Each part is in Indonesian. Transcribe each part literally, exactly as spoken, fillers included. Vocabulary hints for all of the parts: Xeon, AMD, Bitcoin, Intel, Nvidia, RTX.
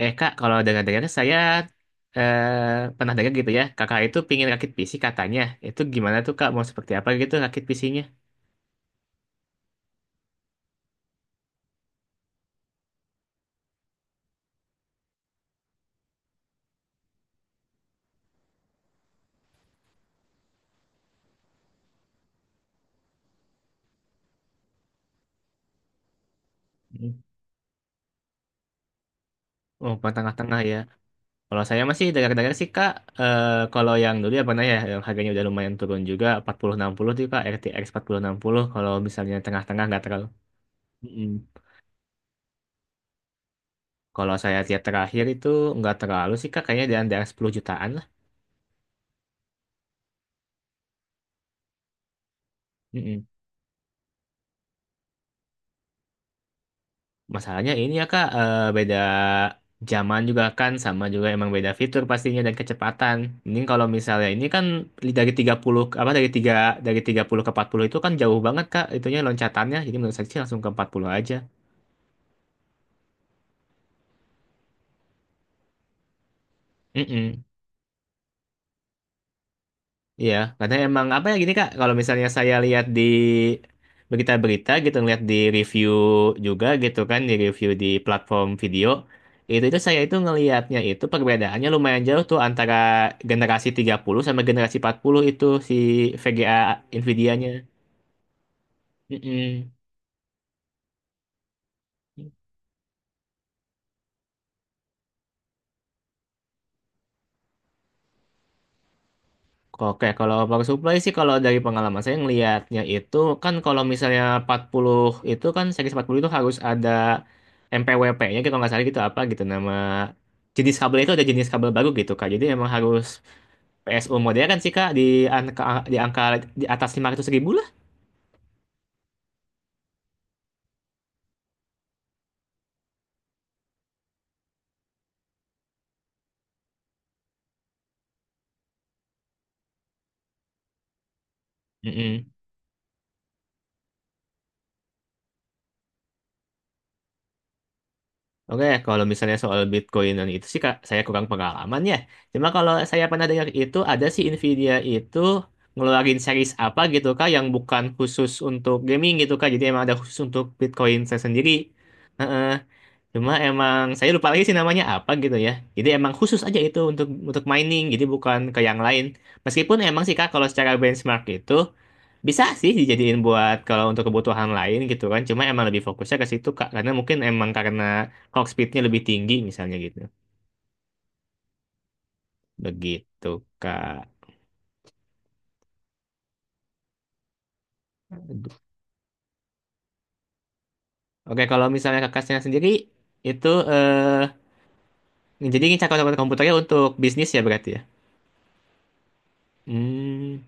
Eh kak, kalau dengar-dengar saya eh, pernah dengar gitu ya, kakak itu pingin rakit pi si katanya. Itu gimana tuh kak, mau seperti apa gitu rakit pe ce-nya? Oh, bukan tengah-tengah ya. Kalau saya masih dengar-dengar sih kak, eh, kalau yang dulu ya pernah ya, yang harganya udah lumayan turun juga, empat puluh enam puluh tuh kak, er te eks puluh, enam puluh, kalau misalnya tengah-tengah nggak terlalu. Mm-mm. Kalau saya lihat terakhir itu nggak terlalu sih kak, kayaknya di antara sepuluh jutaan lah. Hmm. Masalahnya ini ya Kak, eh, beda zaman juga kan, sama juga emang beda fitur pastinya dan kecepatan. Mending kalau misalnya ini kan dari tiga puluh ke- apa dari tiga dari tiga puluh ke empat puluh itu kan jauh banget Kak, itunya loncatannya. Jadi menurut saya sih langsung ke empat puluh aja. Mm-mm. Iya, karena emang apa ya gini Kak, kalau misalnya saya lihat di berita-berita gitu, ngeliat di review juga gitu kan, di review di platform video, itu itu saya itu ngelihatnya itu perbedaannya lumayan jauh tuh antara generasi tiga puluh sama generasi empat puluh itu si ve ge a Nvidia-nya. Mm-mm. Oke, kalau power supply sih kalau dari pengalaman saya ngelihatnya itu kan kalau misalnya empat puluh itu kan seri empat puluh itu harus ada em pe we pe-nya gitu nggak salah gitu apa gitu nama jenis kabel itu ada jenis kabel baru gitu Kak. Jadi emang harus pe es u modern kan sih Kak di angka di angka di atas lima ratus ribu lah. Oke, kalau misalnya soal Bitcoin dan itu sih Kak, saya kurang pengalaman ya. Cuma kalau saya pernah dengar itu ada sih Nvidia itu ngeluarin series apa gitu Kak yang bukan khusus untuk gaming gitu Kak. Jadi emang ada khusus untuk Bitcoin saya sendiri. Heeh. Cuma emang saya lupa lagi sih namanya apa gitu ya. Jadi emang khusus aja itu untuk untuk mining, jadi bukan ke yang lain. Meskipun emang sih Kak kalau secara benchmark itu bisa sih dijadiin buat kalau untuk kebutuhan lain gitu kan. Cuma emang lebih fokusnya ke situ Kak. Karena mungkin emang karena clock speednya lebih tinggi misalnya gitu. Begitu Kak. Aduh. Oke kalau misalnya kakaknya sendiri itu eh, jadi ini cakap komputernya untuk bisnis ya berarti ya. Hmm,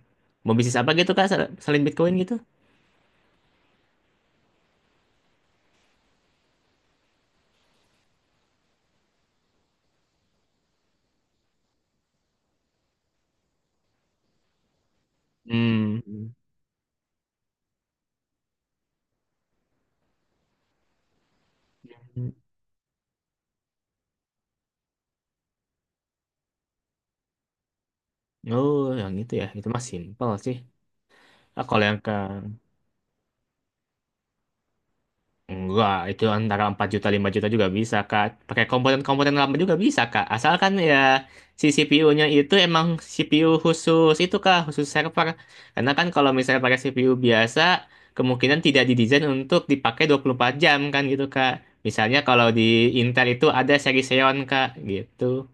mau bisnis apa gitu Kak sel- selain Bitcoin gitu? Hmm. Oh yang itu ya. Itu mah simpel sih. Ah, kalau yang ke Enggak, itu antara empat juta lima juta juga bisa, Kak. Pakai komponen-komponen lama juga bisa, Kak. Asalkan ya si se pe u-nya itu emang se pe u khusus itu, Kak, khusus server. Karena kan kalau misalnya pakai se pe u biasa, kemungkinan tidak didesain untuk dipakai dua puluh empat jam kan gitu, Kak. Misalnya kalau di Intel itu ada seri Xeon, Kak, gitu.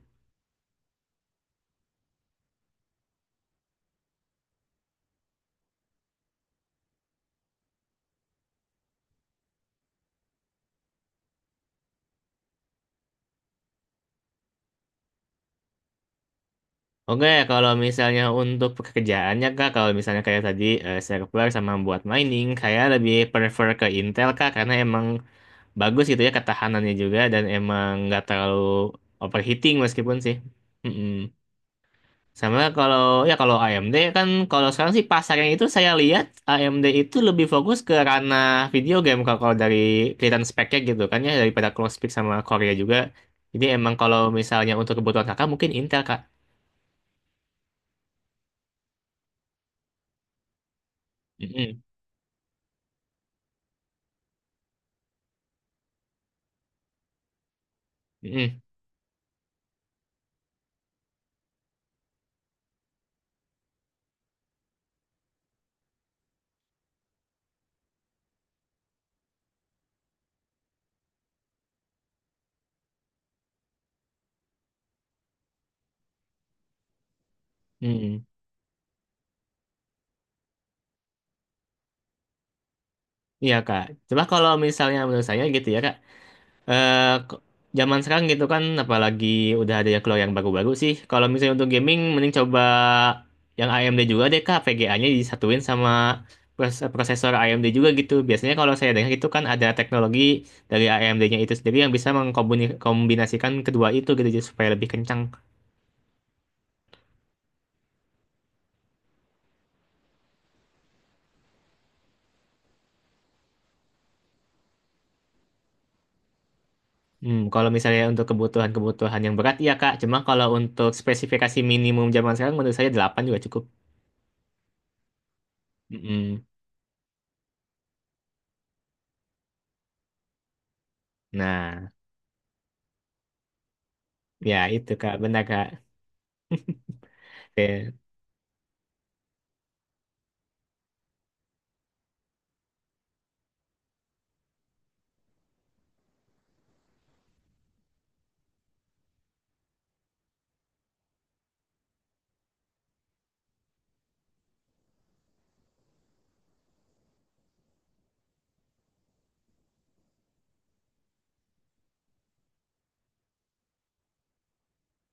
Oke, kalau misalnya untuk pekerjaannya, Kak, kalau misalnya kayak tadi eh, server sama buat mining, kayak lebih prefer ke Intel, Kak, karena emang bagus gitu ya ketahanannya juga dan emang nggak terlalu overheating meskipun sih. Mm-mm. Sama kalau ya kalau a em de kan kalau sekarang sih pasarnya itu saya lihat a em de itu lebih fokus ke ranah video game kalau kalau dari kelihatan speknya gitu kan ya daripada close Closepik sama Korea juga. Jadi emang kalau misalnya untuk kebutuhan kakak mungkin Intel kak. Mm-mm. Mm-mm. Mm-mm. Iya kak. Coba kalau misalnya menurut saya gitu ya kak. eh k- zaman sekarang gitu kan apalagi udah ada yang keluar yang baru-baru sih. Kalau misalnya untuk gaming mending coba yang a em de juga deh Kak, ve ge a-nya disatuin sama pros- prosesor a em de juga gitu. Biasanya kalau saya dengar itu kan ada teknologi dari a em de-nya itu sendiri yang bisa mengkombinasikan kedua itu gitu jadi supaya lebih kencang. Hmm, kalau misalnya untuk kebutuhan-kebutuhan yang berat ya Kak, cuma kalau untuk spesifikasi minimum zaman sekarang menurut saya delapan juga cukup. Mm-mm. Nah, ya itu Kak, benar Kak. Oke.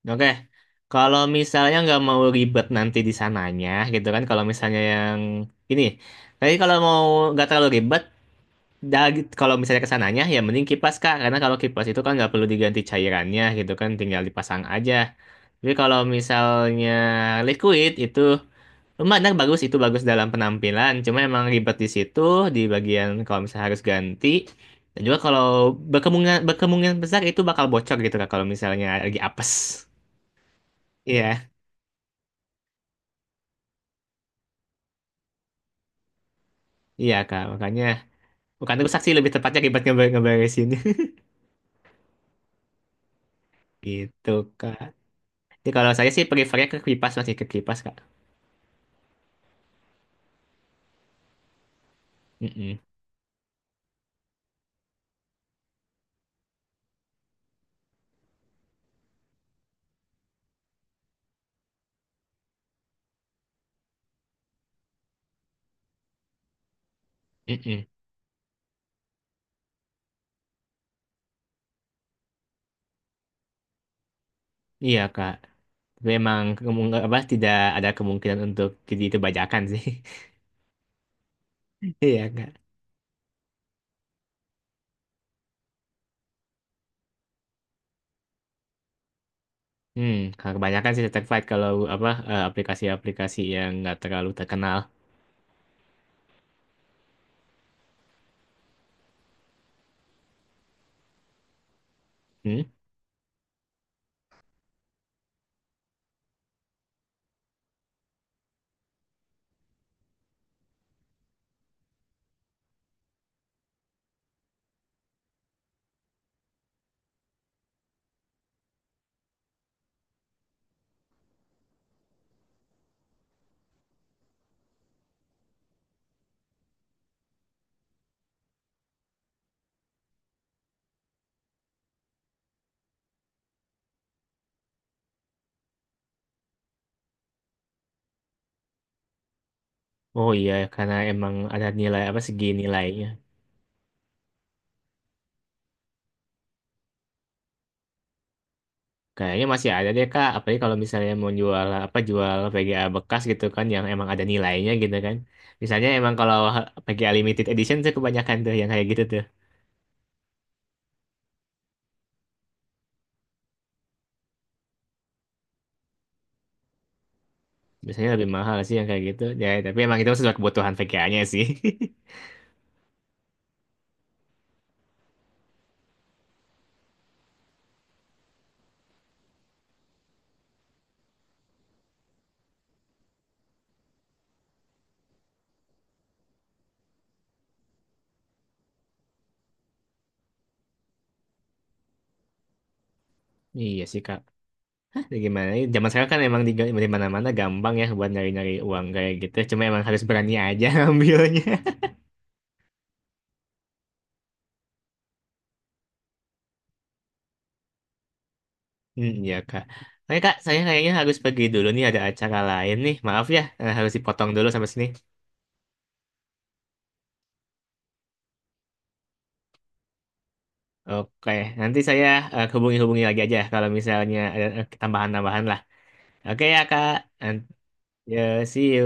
Oke, kalau misalnya nggak mau ribet nanti di sananya, gitu kan? Kalau misalnya yang ini, tapi kalau mau nggak terlalu ribet, dah, kalau misalnya ke sananya, ya mending kipas Kak, karena kalau kipas itu kan nggak perlu diganti cairannya, gitu kan? Tinggal dipasang aja. Tapi kalau misalnya liquid itu lumayan nah, bagus, itu bagus dalam penampilan. Cuma emang ribet di situ, di bagian kalau misalnya harus ganti. Dan juga kalau berkemungkinan, berkemungkinan besar itu bakal bocor gitu Kak, kalau misalnya lagi apes. Iya. Iya kak, makanya bukan rusak sih lebih tepatnya ribet ngeber ngeberesin gitu kak. Jadi kalau saya sih prefernya ke kipas masih ke kipas kak. Mm-mm. Mm-mm. Iya kak, tapi emang kemung- apa tidak ada kemungkinan untuk jadi kebajakan sih. Iya kak. Hmm, kalau kebanyakan sih certified kalau apa eh, aplikasi-aplikasi yang nggak terlalu terkenal. Hmm? Oh iya, karena emang ada nilai apa segi nilainya. Kayaknya masih ada deh Kak, apalagi kalau misalnya mau jual apa jual ve ge a bekas gitu kan yang emang ada nilainya gitu kan. Misalnya emang kalau ve ge a limited edition tuh kebanyakan tuh yang kayak gitu tuh. Biasanya lebih mahal sih yang kayak gitu. Ya, tapi emang itu sesuai kebutuhan ve ge a-nya sih. Iya sih Kak. Ya gimana? Ya, zaman sekarang kan emang di, di mana-mana gampang ya buat nyari-nyari uang kayak gitu. Cuma emang harus berani aja ambilnya. Hmm, iya Kak. Oke Kak, saya kayaknya harus pergi dulu nih ada acara lain nih. Maaf ya, eh, harus dipotong dulu sampai sini. Oke, nanti saya eh, hubungi-hubungi lagi aja kalau misalnya ada eh, tambahan-tambahan lah. Oke ya, Kak. And, ya, see you.